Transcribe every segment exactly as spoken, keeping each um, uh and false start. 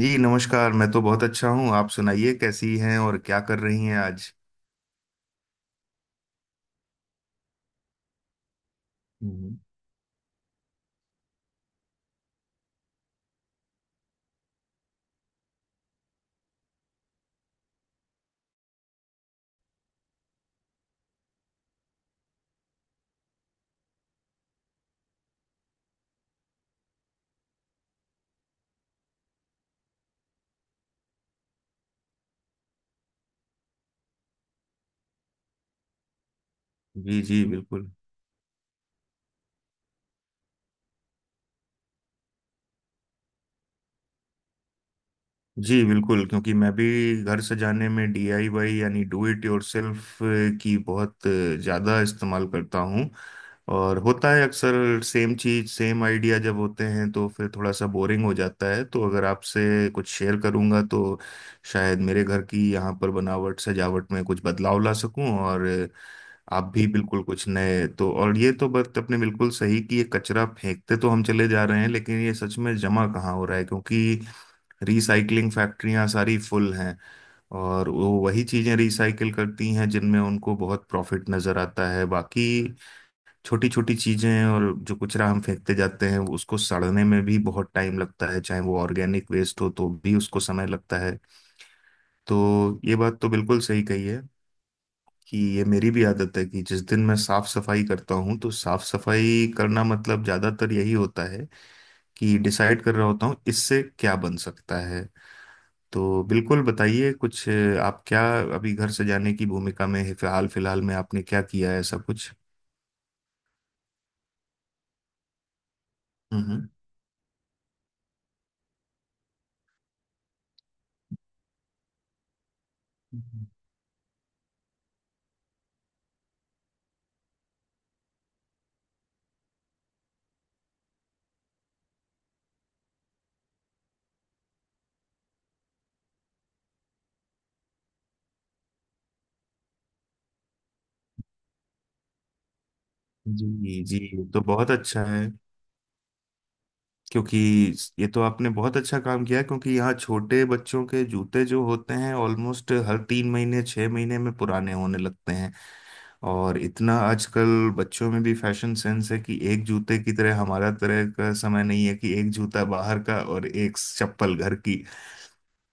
जी नमस्कार। मैं तो बहुत अच्छा हूँ। आप सुनाइए कैसी हैं और क्या कर रही हैं आज? हम्म। जी जी बिल्कुल। जी बिल्कुल, क्योंकि मैं भी घर सजाने में डीआईवाई यानी डू इट योरसेल्फ की बहुत ज़्यादा इस्तेमाल करता हूँ। और होता है अक्सर सेम चीज़ सेम आइडिया जब होते हैं तो फिर थोड़ा सा बोरिंग हो जाता है, तो अगर आपसे कुछ शेयर करूँगा तो शायद मेरे घर की यहाँ पर बनावट सजावट में कुछ बदलाव ला सकूँ। और आप भी बिल्कुल कुछ नए। तो और ये तो बात अपने बिल्कुल सही, कि ये कचरा फेंकते तो हम चले जा रहे हैं लेकिन ये सच में जमा कहाँ हो रहा है, क्योंकि रिसाइकलिंग फैक्ट्रियां सारी फुल हैं और वो वही चीजें रिसाइकिल करती हैं जिनमें उनको बहुत प्रॉफिट नजर आता है, बाकी छोटी छोटी चीजें। और जो कचरा हम फेंकते जाते हैं उसको सड़ने में भी बहुत टाइम लगता है, चाहे वो ऑर्गेनिक वेस्ट हो तो भी उसको समय लगता है। तो ये बात तो बिल्कुल सही कही है, कि ये मेरी भी आदत है कि जिस दिन मैं साफ सफाई करता हूँ तो साफ सफाई करना मतलब ज्यादातर यही होता है कि डिसाइड कर रहा होता हूँ इससे क्या बन सकता है। तो बिल्कुल बताइए, कुछ अ, आप क्या अभी घर से जाने की भूमिका में है, हाल फिलहाल में आपने क्या किया है ऐसा कुछ? हम्म। जी जी, ये तो बहुत अच्छा है। क्योंकि ये तो आपने बहुत अच्छा काम किया है, क्योंकि यहाँ छोटे बच्चों के जूते जो होते हैं ऑलमोस्ट हर तीन महीने छः महीने में पुराने होने लगते हैं। और इतना आजकल बच्चों में भी फैशन सेंस है कि एक जूते की तरह हमारा तरह का समय नहीं है कि एक जूता बाहर का और एक चप्पल घर की।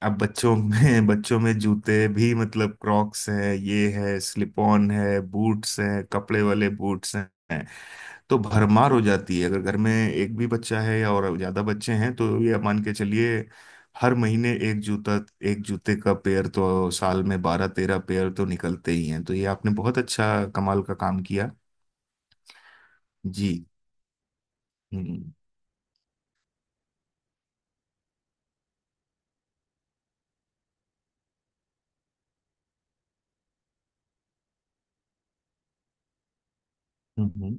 अब बच्चों में बच्चों में जूते भी मतलब क्रॉक्स हैं, ये है स्लिप ऑन है, बूट्स हैं, कपड़े वाले बूट्स हैं। तो भरमार हो जाती है, अगर घर में एक भी बच्चा है या और ज्यादा बच्चे हैं तो ये आप मान के चलिए हर महीने एक जूता, एक जूते का पेयर तो साल में बारह तेरह पेयर तो निकलते ही हैं, तो ये आपने बहुत अच्छा कमाल का काम किया। जी। हम्म हम्म।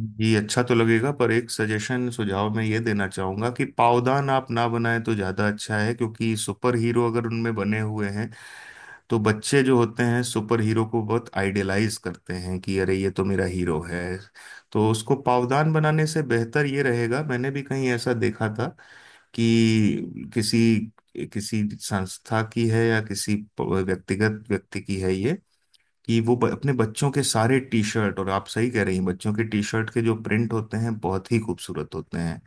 जी, अच्छा तो लगेगा, पर एक सजेशन सुझाव मैं ये देना चाहूंगा कि पावदान आप ना बनाएं तो ज्यादा अच्छा है, क्योंकि सुपर हीरो अगर उनमें बने हुए हैं तो बच्चे जो होते हैं सुपर हीरो को बहुत आइडियलाइज करते हैं कि अरे ये तो मेरा हीरो है। तो उसको पावदान बनाने से बेहतर ये रहेगा, मैंने भी कहीं ऐसा देखा था कि किसी किसी संस्था की है या किसी प- व्यक्तिगत व्यक्ति की है ये, कि वो ब, अपने बच्चों के सारे टी शर्ट। और आप सही कह रही हैं, बच्चों के टी शर्ट के जो प्रिंट होते हैं बहुत ही खूबसूरत होते हैं।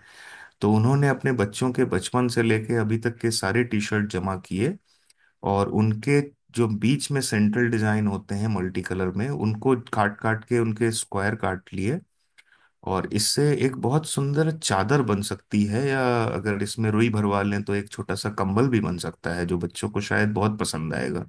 तो उन्होंने अपने बच्चों के बचपन से लेके अभी तक के सारे टी शर्ट जमा किए और उनके जो बीच में सेंट्रल डिजाइन होते हैं मल्टी कलर में उनको काट काट के उनके स्क्वायर काट लिए। और इससे एक बहुत सुंदर चादर बन सकती है, या अगर इसमें रुई भरवा लें तो एक छोटा सा कंबल भी बन सकता है जो बच्चों को शायद बहुत पसंद आएगा।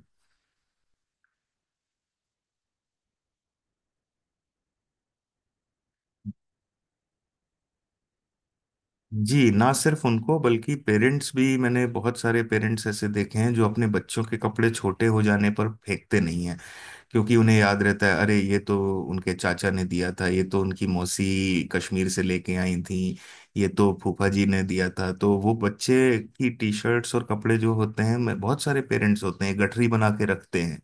जी, ना सिर्फ उनको बल्कि पेरेंट्स भी। मैंने बहुत सारे पेरेंट्स ऐसे देखे हैं जो अपने बच्चों के कपड़े छोटे हो जाने पर फेंकते नहीं, क्योंकि उन्हें याद रहता है, अरे ये तो उनके चाचा ने दिया था, ये तो उनकी मौसी कश्मीर से लेके आई थी, ये तो फूफा जी ने दिया था। तो वो बच्चे की टी शर्ट्स और कपड़े जो होते हैं, मैं बहुत सारे पेरेंट्स होते हैं गठरी बना के रखते हैं,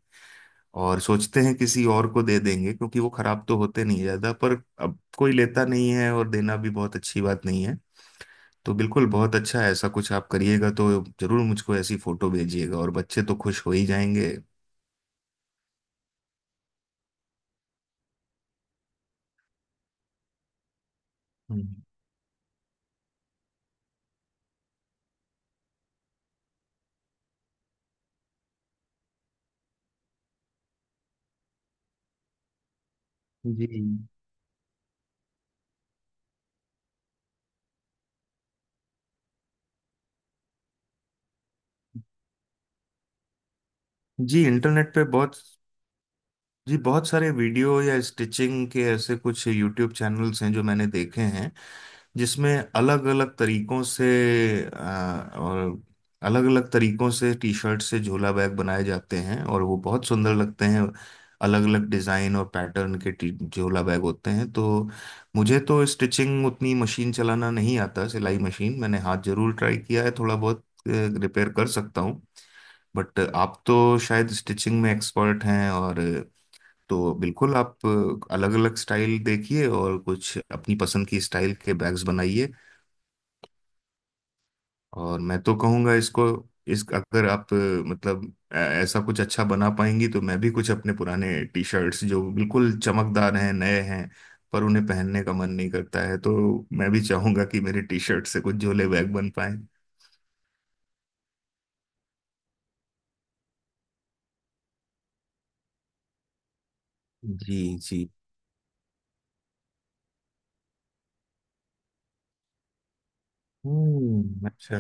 और सोचते हैं किसी और को दे देंगे, क्योंकि वो खराब तो होते नहीं ज्यादा, पर अब कोई लेता नहीं है, और देना भी बहुत अच्छी बात नहीं है। तो बिल्कुल बहुत अच्छा है, ऐसा कुछ आप करिएगा तो जरूर मुझको ऐसी फोटो भेजिएगा, और बच्चे तो खुश हो ही जाएंगे। हम्म। जी, जी इंटरनेट पे बहुत। जी, बहुत सारे वीडियो या स्टिचिंग के ऐसे कुछ यूट्यूब चैनल्स हैं जो मैंने देखे हैं जिसमें अलग अलग तरीकों से अ, और अलग अलग तरीकों से टी शर्ट से झोला बैग बनाए जाते हैं और वो बहुत सुंदर लगते हैं। अलग अलग डिज़ाइन और पैटर्न के टी झोला बैग होते हैं, तो मुझे तो स्टिचिंग उतनी मशीन चलाना नहीं आता। सिलाई मशीन मैंने हाथ जरूर ट्राई किया है, थोड़ा बहुत रिपेयर कर सकता हूँ, बट आप तो शायद स्टिचिंग में एक्सपर्ट हैं, और तो बिल्कुल आप अलग अलग स्टाइल देखिए और कुछ अपनी पसंद की स्टाइल के बैग्स बनाइए। और मैं तो कहूँगा इसको इस अगर आप मतलब ऐ- ऐसा कुछ अच्छा बना पाएंगी तो मैं भी कुछ अपने पुराने टी शर्ट्स जो बिल्कुल चमकदार हैं नए हैं पर उन्हें पहनने का मन नहीं करता है, तो मैं भी चाहूंगा कि मेरे टी शर्ट से कुछ झोले बैग बन पाए। जी जी। हम्म, अच्छा।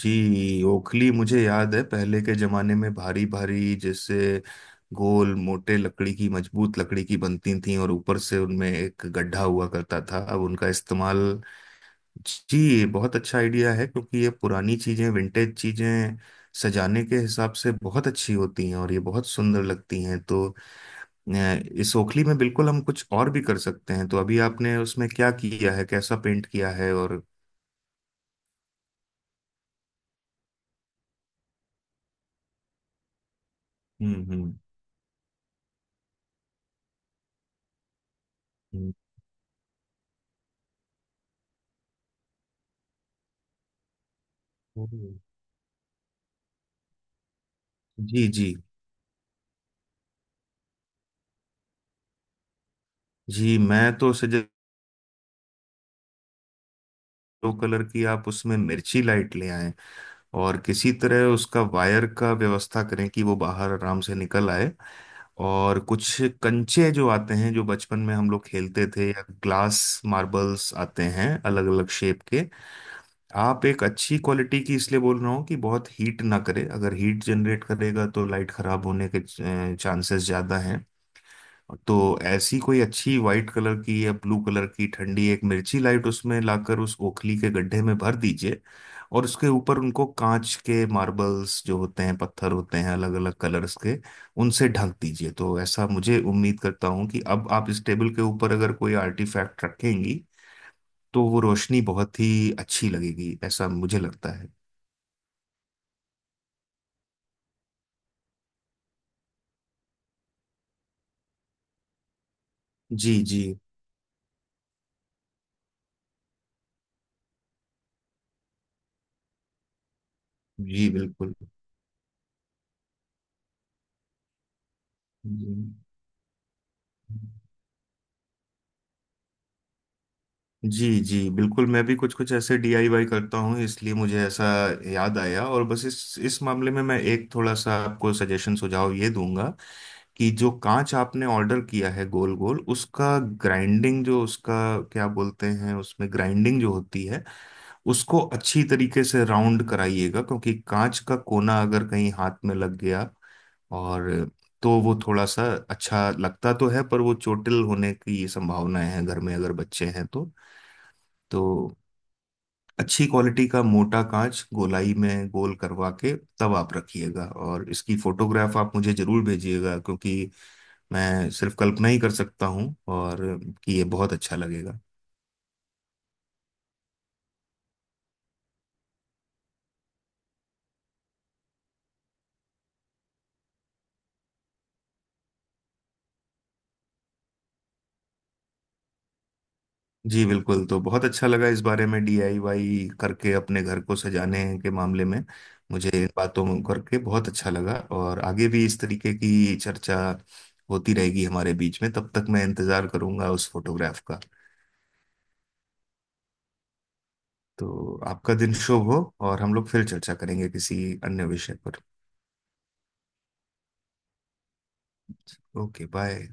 जी, ओखली मुझे याद है, पहले के जमाने में भारी भारी जैसे गोल मोटे लकड़ी की, मजबूत लकड़ी की बनती थी, और ऊपर से उनमें एक गड्ढा हुआ करता था, अब उनका इस्तेमाल। जी, ये बहुत अच्छा आइडिया है, क्योंकि ये पुरानी चीजें विंटेज चीजें सजाने के हिसाब से बहुत अच्छी होती हैं, और ये बहुत सुंदर लगती हैं, तो अ, इस ओखली में बिल्कुल हम कुछ और भी कर सकते हैं, तो अभी आपने उसमें क्या किया है, कैसा पेंट किया है, और? हम्म हम्म हम्म। जी जी। जी मैं तो सजेस्ट, दो कलर की आप उसमें मिर्ची लाइट ले आएं, और किसी तरह उसका वायर का व्यवस्था करें कि वो बाहर आराम से निकल आए, और कुछ कंचे जो आते हैं जो बचपन में हम लोग खेलते थे, या ग्लास मार्बल्स आते हैं अलग अलग शेप के। आप एक अच्छी क्वालिटी की, इसलिए बोल रहा हूँ कि बहुत हीट ना करे, अगर हीट जनरेट करेगा तो लाइट खराब होने के चांसेस ज़्यादा हैं। तो ऐसी कोई अच्छी वाइट कलर की या ब्लू कलर की ठंडी एक मिर्ची लाइट उसमें लाकर उस ओखली के गड्ढे में भर दीजिए, और उसके ऊपर उनको कांच के मार्बल्स जो होते हैं, पत्थर होते हैं अलग अलग कलर्स के, उनसे ढक दीजिए, तो ऐसा मुझे उम्मीद करता हूँ कि अब आप इस टेबल के ऊपर अगर कोई आर्टिफैक्ट रखेंगी तो वो रोशनी बहुत ही अच्छी लगेगी, ऐसा मुझे लगता है। जी जी। जी बिल्कुल। जी जी जी बिल्कुल, मैं भी कुछ कुछ ऐसे डीआईवाई करता हूँ, इसलिए मुझे ऐसा याद आया। और बस इस इस मामले में मैं एक थोड़ा सा आपको सजेशन सुझाव ये दूंगा, कि जो कांच आपने ऑर्डर किया है गोल गोल, उसका ग्राइंडिंग जो उसका क्या बोलते हैं, उसमें ग्राइंडिंग जो होती है, उसको अच्छी तरीके से राउंड कराइएगा, क्योंकि कांच का कोना अगर कहीं हाथ में लग गया और, तो वो थोड़ा सा अच्छा लगता तो है, पर वो चोटिल होने की संभावनाएं हैं, घर में अगर बच्चे हैं तो तो अच्छी क्वालिटी का मोटा कांच गोलाई में गोल करवा के तब आप रखिएगा, और इसकी फोटोग्राफ आप मुझे जरूर भेजिएगा, क्योंकि मैं सिर्फ कल्पना ही कर सकता हूँ, और कि ये बहुत अच्छा लगेगा। जी बिल्कुल, तो बहुत अच्छा लगा इस बारे में डीआईवाई करके अपने घर को सजाने के मामले में। मुझे इन बातों में करके बहुत अच्छा लगा, और आगे भी इस तरीके की चर्चा होती रहेगी हमारे बीच में। तब तक मैं इंतजार करूंगा उस फोटोग्राफ का। तो आपका दिन शुभ हो, और हम लोग फिर चर्चा करेंगे किसी अन्य विषय पर। Okay bye.